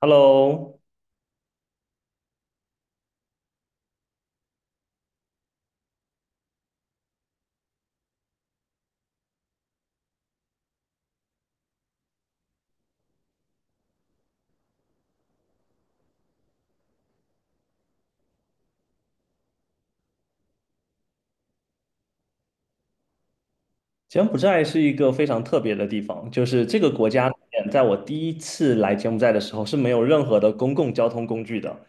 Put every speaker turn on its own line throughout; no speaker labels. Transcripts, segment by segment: Hello，柬埔寨是一个非常特别的地方，就是这个国家里面在我第一次来柬埔寨的时候是没有任何的公共交通工具的，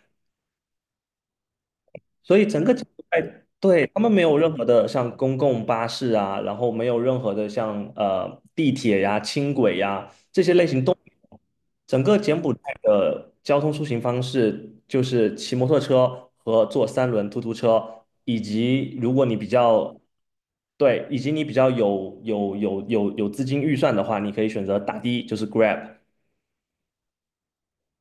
所以整个柬埔寨对他们没有任何的像公共巴士啊，然后没有任何的像地铁呀、轻轨呀这些类型都没有。整个柬埔寨的交通出行方式就是骑摩托车和坐三轮突突车，以及如果你比较对，以及你比较有资金预算的话，你可以选择打的，就是 Grab。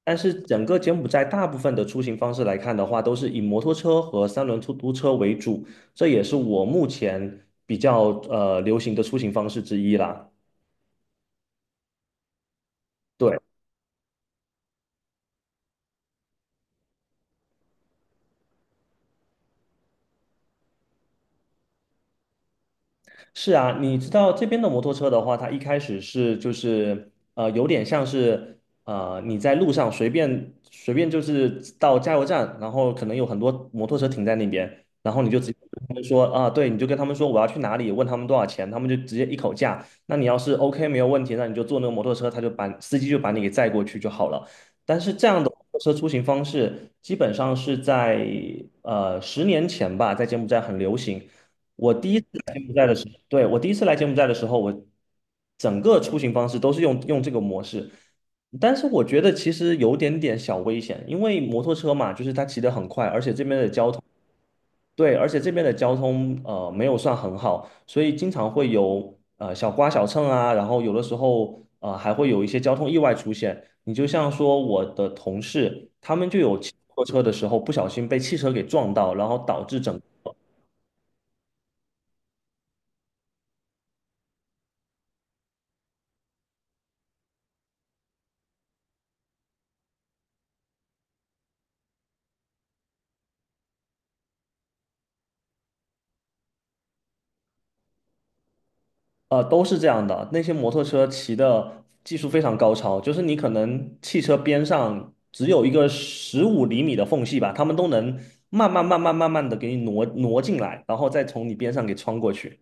但是整个柬埔寨大部分的出行方式来看的话，都是以摩托车和三轮出租车为主，这也是我目前比较流行的出行方式之一啦。对。是啊，你知道这边的摩托车的话，它一开始是就是有点像是你在路上随便就是到加油站，然后可能有很多摩托车停在那边，然后你就直接跟他们说啊，对，你就跟他们说我要去哪里，问他们多少钱，他们就直接一口价。那你要是 OK 没有问题，那你就坐那个摩托车，他就把司机就把你给载过去就好了。但是这样的摩托车出行方式，基本上是在10年前吧，在柬埔寨很流行。我第一次来柬埔寨的时候对，我第一次来柬埔寨的时候，我整个出行方式都是用这个模式，但是我觉得其实有点点小危险，因为摩托车嘛，就是它骑得很快，而且这边的交通，对，而且这边的交通没有算很好，所以经常会有小刮小蹭啊，然后有的时候还会有一些交通意外出现。你就像说我的同事，他们就有骑摩托车的时候不小心被汽车给撞到，然后导致整。都是这样的。那些摩托车骑的技术非常高超，就是你可能汽车边上只有一个15厘米的缝隙吧，他们都能慢慢的给你挪挪进来，然后再从你边上给穿过去。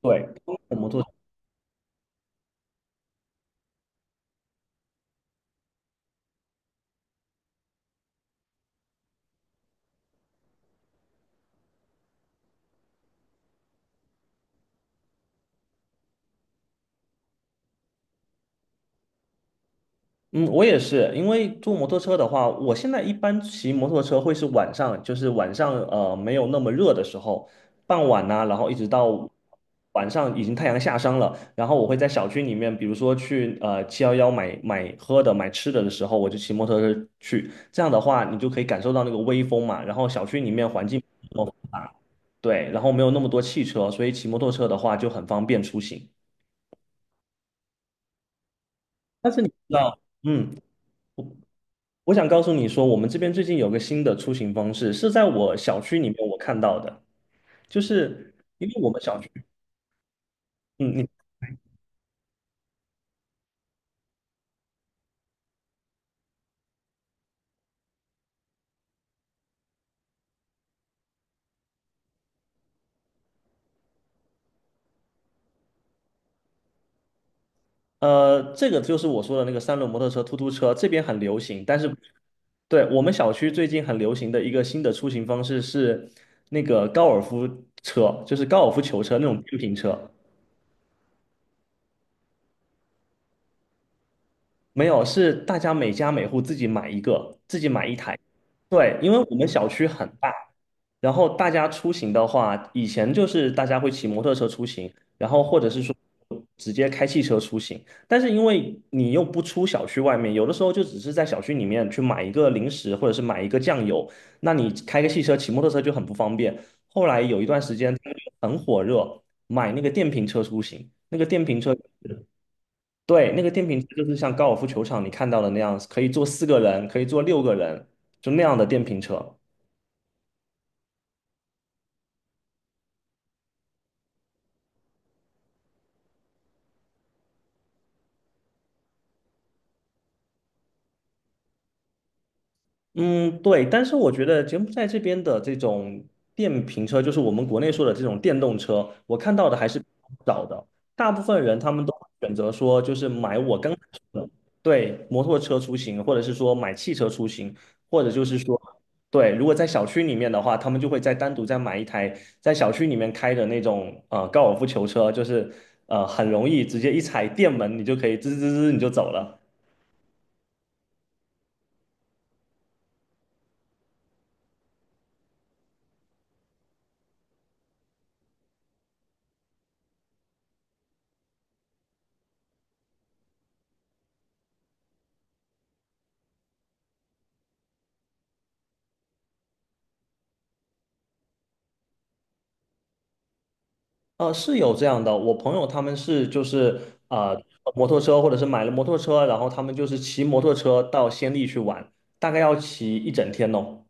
对，通过摩托。嗯，我也是，因为坐摩托车的话，我现在一般骑摩托车会是晚上，就是晚上没有那么热的时候，傍晚呐、然后一直到晚上已经太阳下山了，然后我会在小区里面，比如说去711买买喝的、买吃的的时候，我就骑摩托车去，这样的话你就可以感受到那个微风嘛，然后小区里面环境。哦，对，然后没有那么多汽车，所以骑摩托车的话就很方便出行。但是你知道，嗯，我想告诉你说，我们这边最近有个新的出行方式，是在我小区里面我看到的，就是因为我们小区，嗯，你这个就是我说的那个三轮摩托车、突突车，这边很流行，但是对，我们小区最近很流行的一个新的出行方式是那个高尔夫车，就是高尔夫球车那种电瓶车，没有，是大家每家每户自己买一个，自己买一台。对，因为我们小区很大，然后大家出行的话，以前就是大家会骑摩托车出行，然后或者是说直接开汽车出行。但是因为你又不出小区外面，有的时候就只是在小区里面去买一个零食或者是买一个酱油，那你开个汽车、骑摩托车就很不方便。后来有一段时间他们就很火热，买那个电瓶车出行，那个电瓶车。对，那个电瓶车就是像高尔夫球场你看到的那样，可以坐四个人，可以坐六个人，就那样的电瓶车。嗯，对，但是我觉得柬埔寨这边的这种电瓶车，就是我们国内说的这种电动车，我看到的还是比较少的。大部分人他们都会选择说，就是买我刚才说的，对，摩托车出行，或者是说买汽车出行，或者就是说，对，如果在小区里面的话，他们就会再单独再买一台在小区里面开的那种高尔夫球车，就是很容易直接一踩电门，你就可以滋滋滋你就走了。是有这样的，我朋友他们是就是呃摩托车或者是买了摩托车，然后他们就是骑摩托车到仙力去玩，大概要骑一整天哦。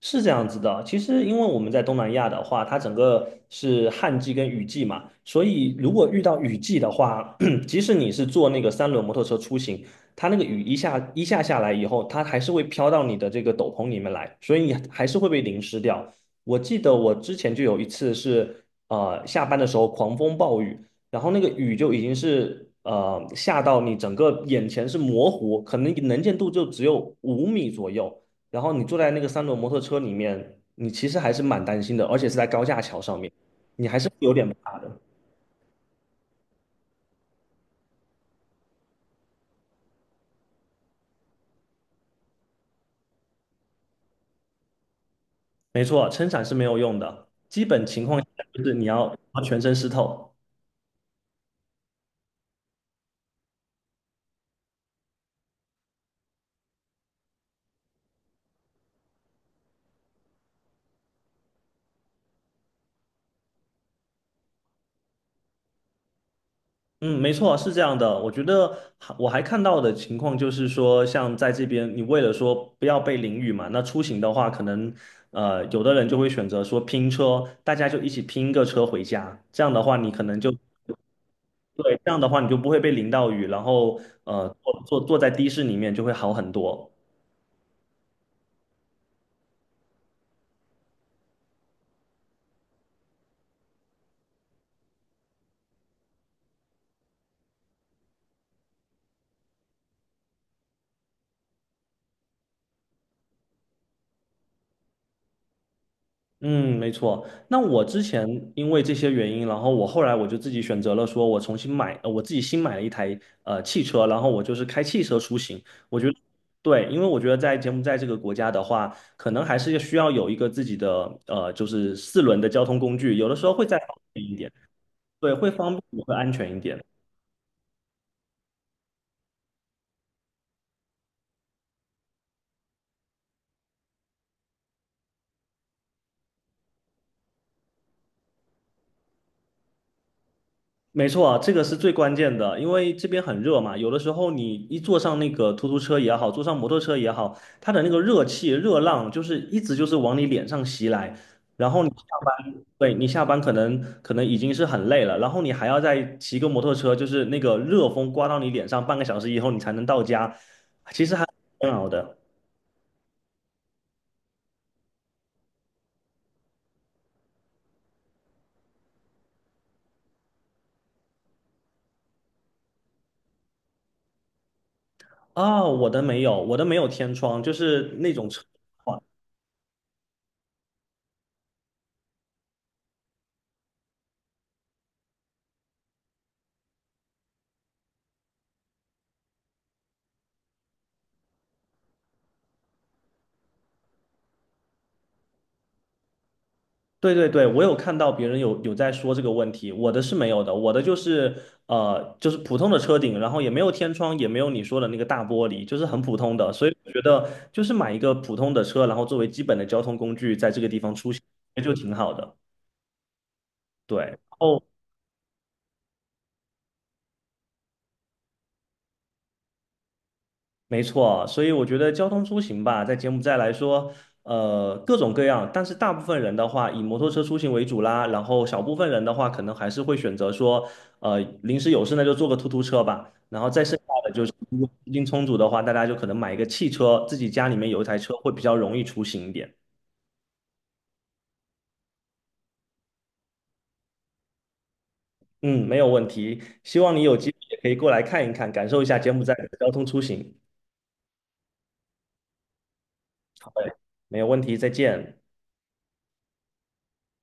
是这样子的，其实因为我们在东南亚的话，它整个是旱季跟雨季嘛，所以如果遇到雨季的话，即使你是坐那个三轮摩托车出行，它那个雨一下一下下来以后，它还是会飘到你的这个斗篷里面来，所以你还是会被淋湿掉。我记得我之前就有一次是，下班的时候狂风暴雨，然后那个雨就已经是下到你整个眼前是模糊，可能能见度就只有5米左右。然后你坐在那个三轮摩托车里面，你其实还是蛮担心的，而且是在高架桥上面，你还是有点，没错，撑伞是没有用的。基本情况下就是你要全身湿透。嗯，没错，是这样的。我还看到的情况就是说，像在这边，你为了说不要被淋雨嘛，那出行的话，可能有的人就会选择说拼车，大家就一起拼一个车回家。这样的话，你可能就对，这样的话你就不会被淋到雨，然后坐在的士里面就会好很多。嗯，没错。那我之前因为这些原因，然后我后来我就自己选择了，说我重新买，我自己新买了一台汽车，然后我就是开汽车出行。我觉得对，因为我觉得在柬埔寨这个国家的话，可能还是需要有一个自己的就是四轮的交通工具，有的时候会再方便一点，对，会方便也会安全一点。没错啊，这个是最关键的，因为这边很热嘛，有的时候你一坐上那个突突车也好，坐上摩托车也好，它的那个热气、热浪就是一直就是往你脸上袭来，然后你下班，对，你下班可能已经是很累了，然后你还要再骑个摩托车，就是那个热风刮到你脸上，半个小时以后你才能到家，煎熬的。我的没有天窗，就是那种。车。对对对，我有看到别人有在说这个问题，我的是没有的，我的就是就是普通的车顶，然后也没有天窗，也没有你说的那个大玻璃，就是很普通的，所以我觉得就是买一个普通的车，然后作为基本的交通工具，在这个地方出行就挺好的。对，然后。没错，所以我觉得交通出行吧，在柬埔寨来说，各种各样，但是大部分人的话以摩托车出行为主啦，然后小部分人的话，可能还是会选择说，临时有事那就坐个突突车吧，然后再剩下的就是如果资金充足的话，大家就可能买一个汽车，自己家里面有一台车会比较容易出行一点。嗯，没有问题，希望你有机会也可以过来看一看，感受一下柬埔寨的交通出行。好的，没有问题，再见。